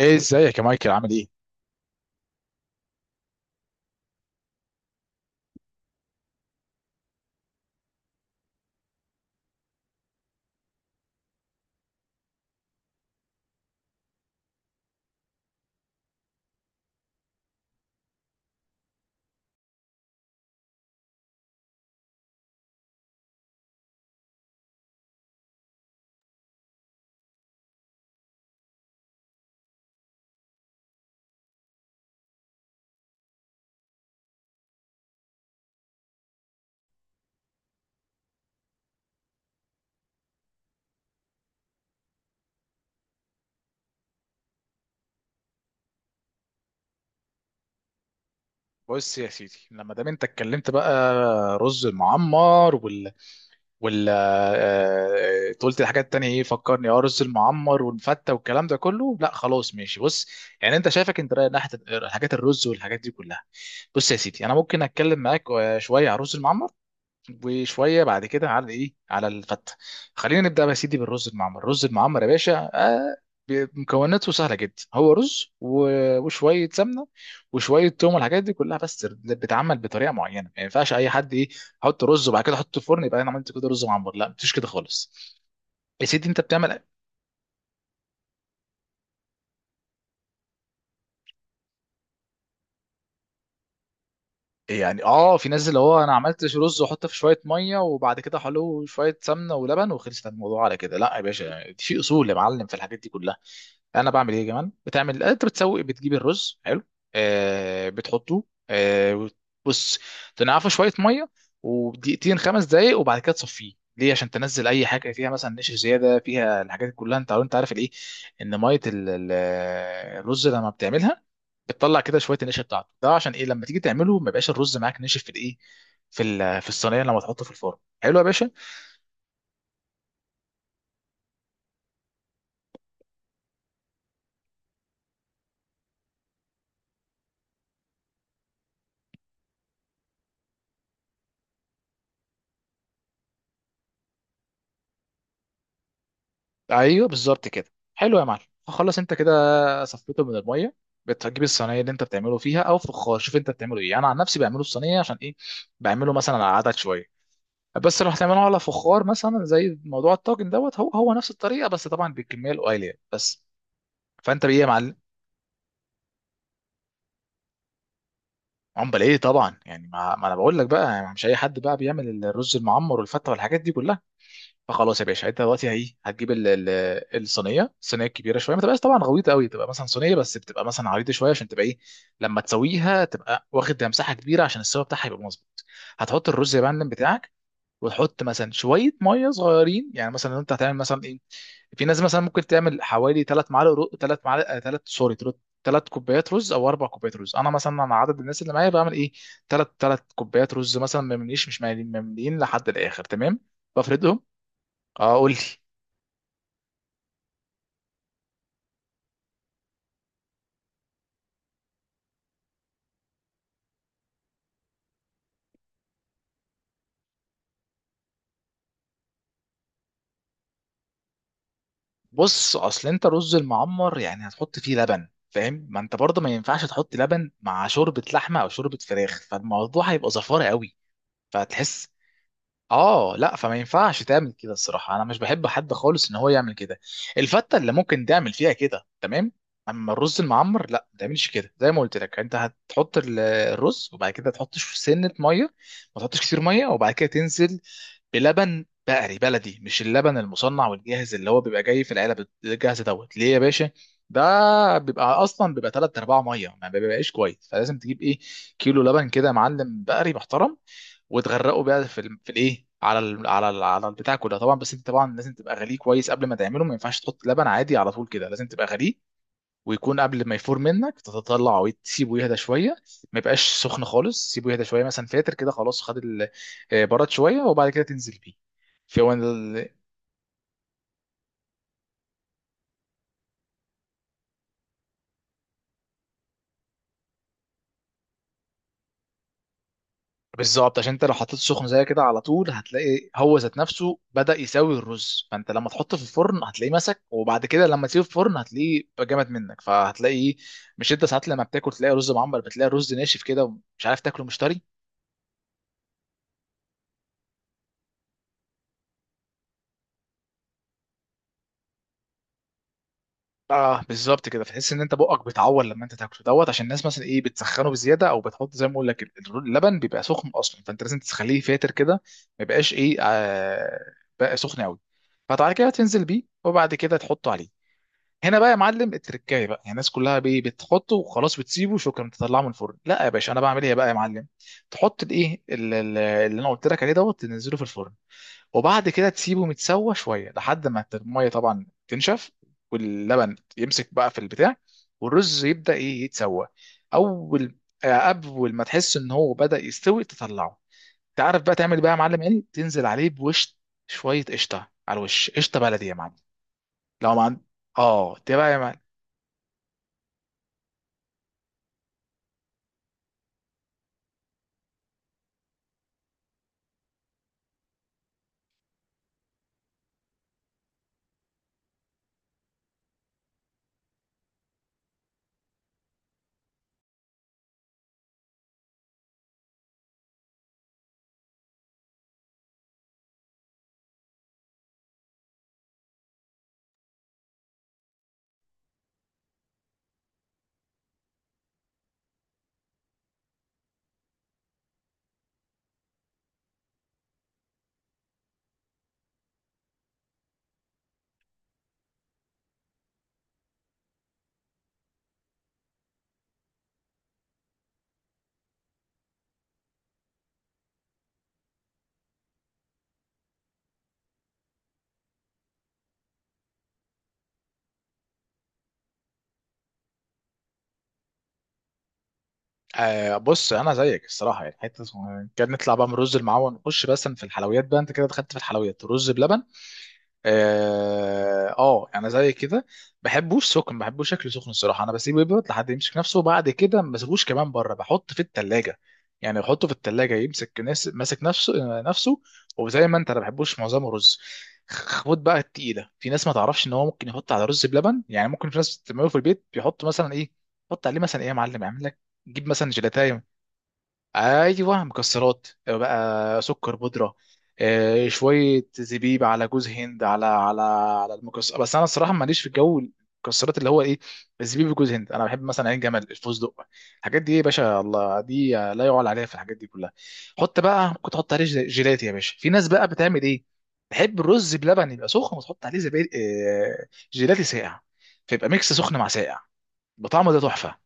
ايه، ازيك يا مايكل؟ عامل ايه؟ بص يا سيدي، لما دام انت اتكلمت بقى رز المعمر وال قلت الحاجات التانية ايه فكرني؟ اه، رز المعمر والفتة والكلام ده كله. لا خلاص ماشي، بص، يعني انت شايفك انت رايح ناحية الحاجات الرز والحاجات دي كلها. بص يا سيدي، انا ممكن اتكلم معاك شوية على رز المعمر وشويه بعد كده على ايه، على الفته. خلينا نبدا بقى يا سيدي بالرز المعمر. الرز المعمر يا باشا مكوناته سهله جدا، هو رز وشويه سمنه وشويه توم والحاجات دي كلها، بس بتتعمل بطريقه معينه، ما ينفعش اي حد ايه، احط رز وبعد كده احطه في الفرن يبقى انا عملت كده رز معمر. لا، مفيش كده خالص يا سيدي، انت بتعمل يعني اه في ناس اللي هو انا عملت رز واحطه في شويه ميه وبعد كده حلو شويه سمنه ولبن وخلصت الموضوع على كده. لا يا باشا، في اصول يا معلم في الحاجات دي كلها. انا بعمل ايه كمان؟ بتعمل انت بتسوي بتجيب الرز حلو، آه بتحطه، آه وت- بص، تنعفه شويه ميه ودقيقتين خمس دقايق، وبعد كده تصفيه، ليه؟ عشان تنزل اي حاجه فيها مثلا نشا زياده فيها الحاجات دي كلها. انت انت عارف الايه، ان ميه الرز لما بتعملها بتطلع كده شويه النشا بتاعته ده، عشان ايه؟ لما تيجي تعمله ما يبقاش الرز معاك نشف في الايه، في في الصينيه لما تحطه في الفرن. حلو يا باشا، ايوه بالظبط كده. حلو يا معلم، خلص انت كده صفيته من الميه، بتجيب الصينيه اللي انت بتعمله فيها او فخار، شوف انت بتعمله ايه. انا عن نفسي بعمله في صينيه، عشان ايه؟ بعمله مثلا على عدد شويه، بس لو هتعمله على فخار مثلا زي موضوع الطاجن دوت هو نفس الطريقه، بس طبعا بالكميه القليله يعني. بس فانت بايه يا معلم؟ عمال ايه طبعا، يعني ما انا بقول لك بقى يعني مش اي حد بقى بيعمل الرز المعمر والفته والحاجات دي كلها. فخلاص يا باشا، انت دلوقتي هي هتجيب الصينيه، الصينيه الكبيره شويه، ما تبقاش طبعا غويطه قوي، تبقى مثلا صينيه بس بتبقى مثلا عريضه شويه عشان تبقى ايه، لما تسويها تبقى واخد مساحه كبيره عشان السوا بتاعها يبقى مظبوط. هتحط الرز يا معلم بتاعك، وتحط مثلا شويه ميه صغيرين، يعني مثلا انت هتعمل مثلا ايه، في ناس مثلا ممكن تعمل حوالي 3 معالق 3 معالق 3 سوري، 3 كوبايات رز او 4 كوبايات رز. انا مثلا انا عدد الناس اللي معايا بعمل ايه، 3 كوبايات رز مثلا، ما يمليش مش ماليين ممليين لحد الاخر، تمام؟ بفردهم. اه، قول لي. بص، اصل انت رز المعمر يعني هتحط فيه لبن فاهم، ما انت برضه ما ينفعش تحط لبن مع شوربه لحمه او شوربه فراخ، فالموضوع هيبقى زفاره قوي، فهتحس، اه لا، فما ينفعش تعمل كده الصراحه، انا مش بحب حد خالص ان هو يعمل كده. الفته اللي ممكن تعمل فيها كده، تمام. اما الرز المعمر لا، ما تعملش كده. زي ما قلت لك، انت هتحط الرز وبعد كده تحط سنه ميه، ما تحطش كتير ميه، وبعد كده تنزل بلبن بقري بلدي، مش اللبن المصنع والجاهز اللي هو بيبقى جاي في العلب الجاهز دوت، ليه يا باشا؟ ده بيبقى اصلا بيبقى 3 ارباع ميه، ما بيبقاش كويس، فلازم تجيب ايه، كيلو لبن كده يا معلم بقري محترم، وتغرقه بقى في ال... في الايه على ال... على ال... على البتاع كده طبعا. بس انت طبعا لازم تبقى غليه كويس قبل ما تعمله، ما ينفعش تحط لبن عادي على طول كده، لازم تبقى غليه، ويكون قبل ما يفور منك تتطلع، وتسيبه يهدى شويه، ما يبقاش سخن خالص، سيبه يهدى شويه مثلا فاتر كده، خلاص خد ال... برد شويه وبعد كده تنزل بيه في هو. بالظبط، عشان انت لو حطيت سخن زي كده على طول هتلاقي هو ذات نفسه بدأ يساوي الرز، فانت لما تحطه في الفرن هتلاقيه مسك، وبعد كده لما تسيبه في الفرن هتلاقيه بقى جامد منك، فهتلاقيه، مش انت ساعات لما بتاكل تلاقي رز معمر بتلاقي الرز ناشف كده ومش عارف تاكله، مش طري. اه بالظبط كده، فتحس ان انت بقك بيتعور لما انت تاكله دوت، عشان الناس مثلا ايه بتسخنه بزياده، او بتحط زي ما بقول لك اللبن بيبقى سخن اصلا، فانت لازم تخليه فاتر كده ما يبقاش ايه بقى سخن قوي. فبعد كده تنزل بيه، وبعد كده تحطه عليه. هنا بقى يا معلم التركايه بقى، يعني الناس كلها بتحطه وخلاص بتسيبه، شكرا تطلعه من الفرن. لا يا باشا، انا بعمل ايه بقى يا معلم، تحط الايه اللي انا قلت لك عليه دوت، تنزله في الفرن وبعد كده تسيبه متسوى شويه لحد ما الميه طبعا تنشف، واللبن يمسك بقى في البتاع، والرز يبدا ايه يتسوى. اول آه، اول ما تحس ان هو بدا يستوي تطلعه. تعرف بقى تعمل إيه بقى يا معلم؟ ايه، تنزل عليه بوش شويه قشطه على الوش، قشطه بلدي يا معلم. لو ما عند... اه، ده بقى آه. بص، انا زيك الصراحه، يعني حته اسمها، كان نطلع بقى من الرز المعون نخش بس في الحلويات بقى، انت كده دخلت في الحلويات، رز بلبن. انا زي كده بحبوش سخن، بحبوش شكله سخن الصراحه، انا بسيبه يبرد لحد يمسك نفسه وبعد كده ما بسيبوش كمان بره، بحطه في التلاجة، يعني بحطه في التلاجة يمسك ناس ماسك نفسه. وزي ما انت، انا بحبوش معظمه رز، خد بقى التقيله. في ناس ما تعرفش ان هو ممكن يحط على رز بلبن، يعني ممكن في ناس بتعمله في البيت بيحط مثلا ايه، يحط عليه مثلا ايه يا معلم يعمل لك، جيب مثلا جيلاتايه. ايوه، مكسرات، بقى سكر بودره، شويه زبيب على جوز هند على على على المكسر. بس انا الصراحه ماليش في الجو المكسرات اللي هو ايه، الزبيب وجوز هند، انا بحب مثلا عين جمل، الفستق، الحاجات دي، ايه يا باشا، الله، دي لا يعلى عليها في الحاجات دي كلها. حط بقى، ممكن تحط عليه جيلاتي يا باشا. في ناس بقى بتعمل ايه، تحب الرز بلبن يبقى سخن وتحط عليه زبيب، جيلاتي ساقع، فيبقى ميكس سخن مع ساقع، بطعمه ده تحفه.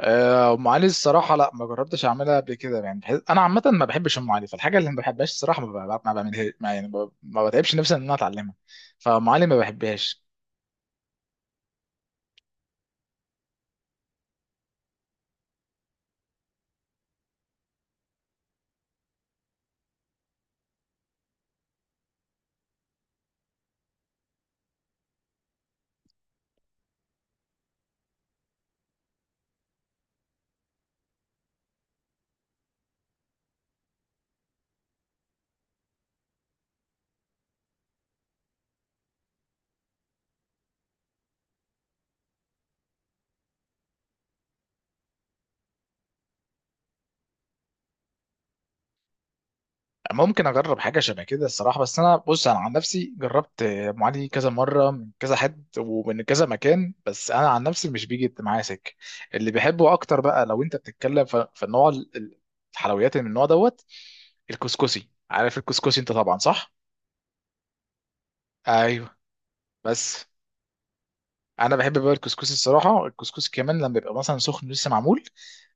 ام علي الصراحه لا ما جربتش اعملها قبل كده، يعني بحس... انا عامه ما بحبش ام علي، فالحاجه اللي ما بحبهاش الصراحه ما بعملها، ما يعني ما بتعبش نفسي ان انا اتعلمها، فام علي ما بحبهاش. ممكن اجرب حاجه شبه كده الصراحه، بس انا بص انا عن نفسي جربت ام علي كذا مره من كذا حد ومن كذا مكان، بس انا عن نفسي مش بيجي معايا سكه. اللي بحبه اكتر بقى لو انت بتتكلم ف... في النوع الحلويات اللي من النوع دوت، الكسكسي، عارف الكسكسي انت طبعا صح؟ ايوه، بس انا بحب بقى الكسكسي الصراحه، الكسكسي كمان لما بيبقى مثلا سخن لسه معمول،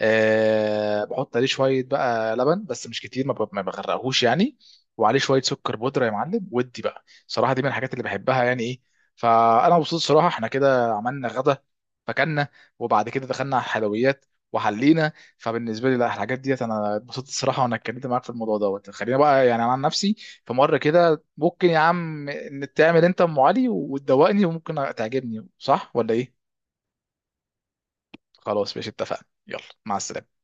أه بحط عليه شويه بقى لبن بس مش كتير، ما بغرقهوش يعني، وعليه شويه سكر بودره يا معلم، ودي بقى صراحه دي من الحاجات اللي بحبها يعني ايه. فانا مبسوط صراحه، احنا كده عملنا غدا فكلنا، وبعد كده دخلنا على الحلويات وحلينا، فبالنسبه لي لا، الحاجات ديت انا اتبسطت الصراحه، وانا اتكلمت معاك في الموضوع دوت. خلينا بقى يعني أنا عن نفسي في مره كده، ممكن يا عم إن تعمل انت ام علي وتدوقني، وممكن تعجبني، صح ولا ايه؟ خلاص ماشي، اتفقنا، يلا مع السلامه.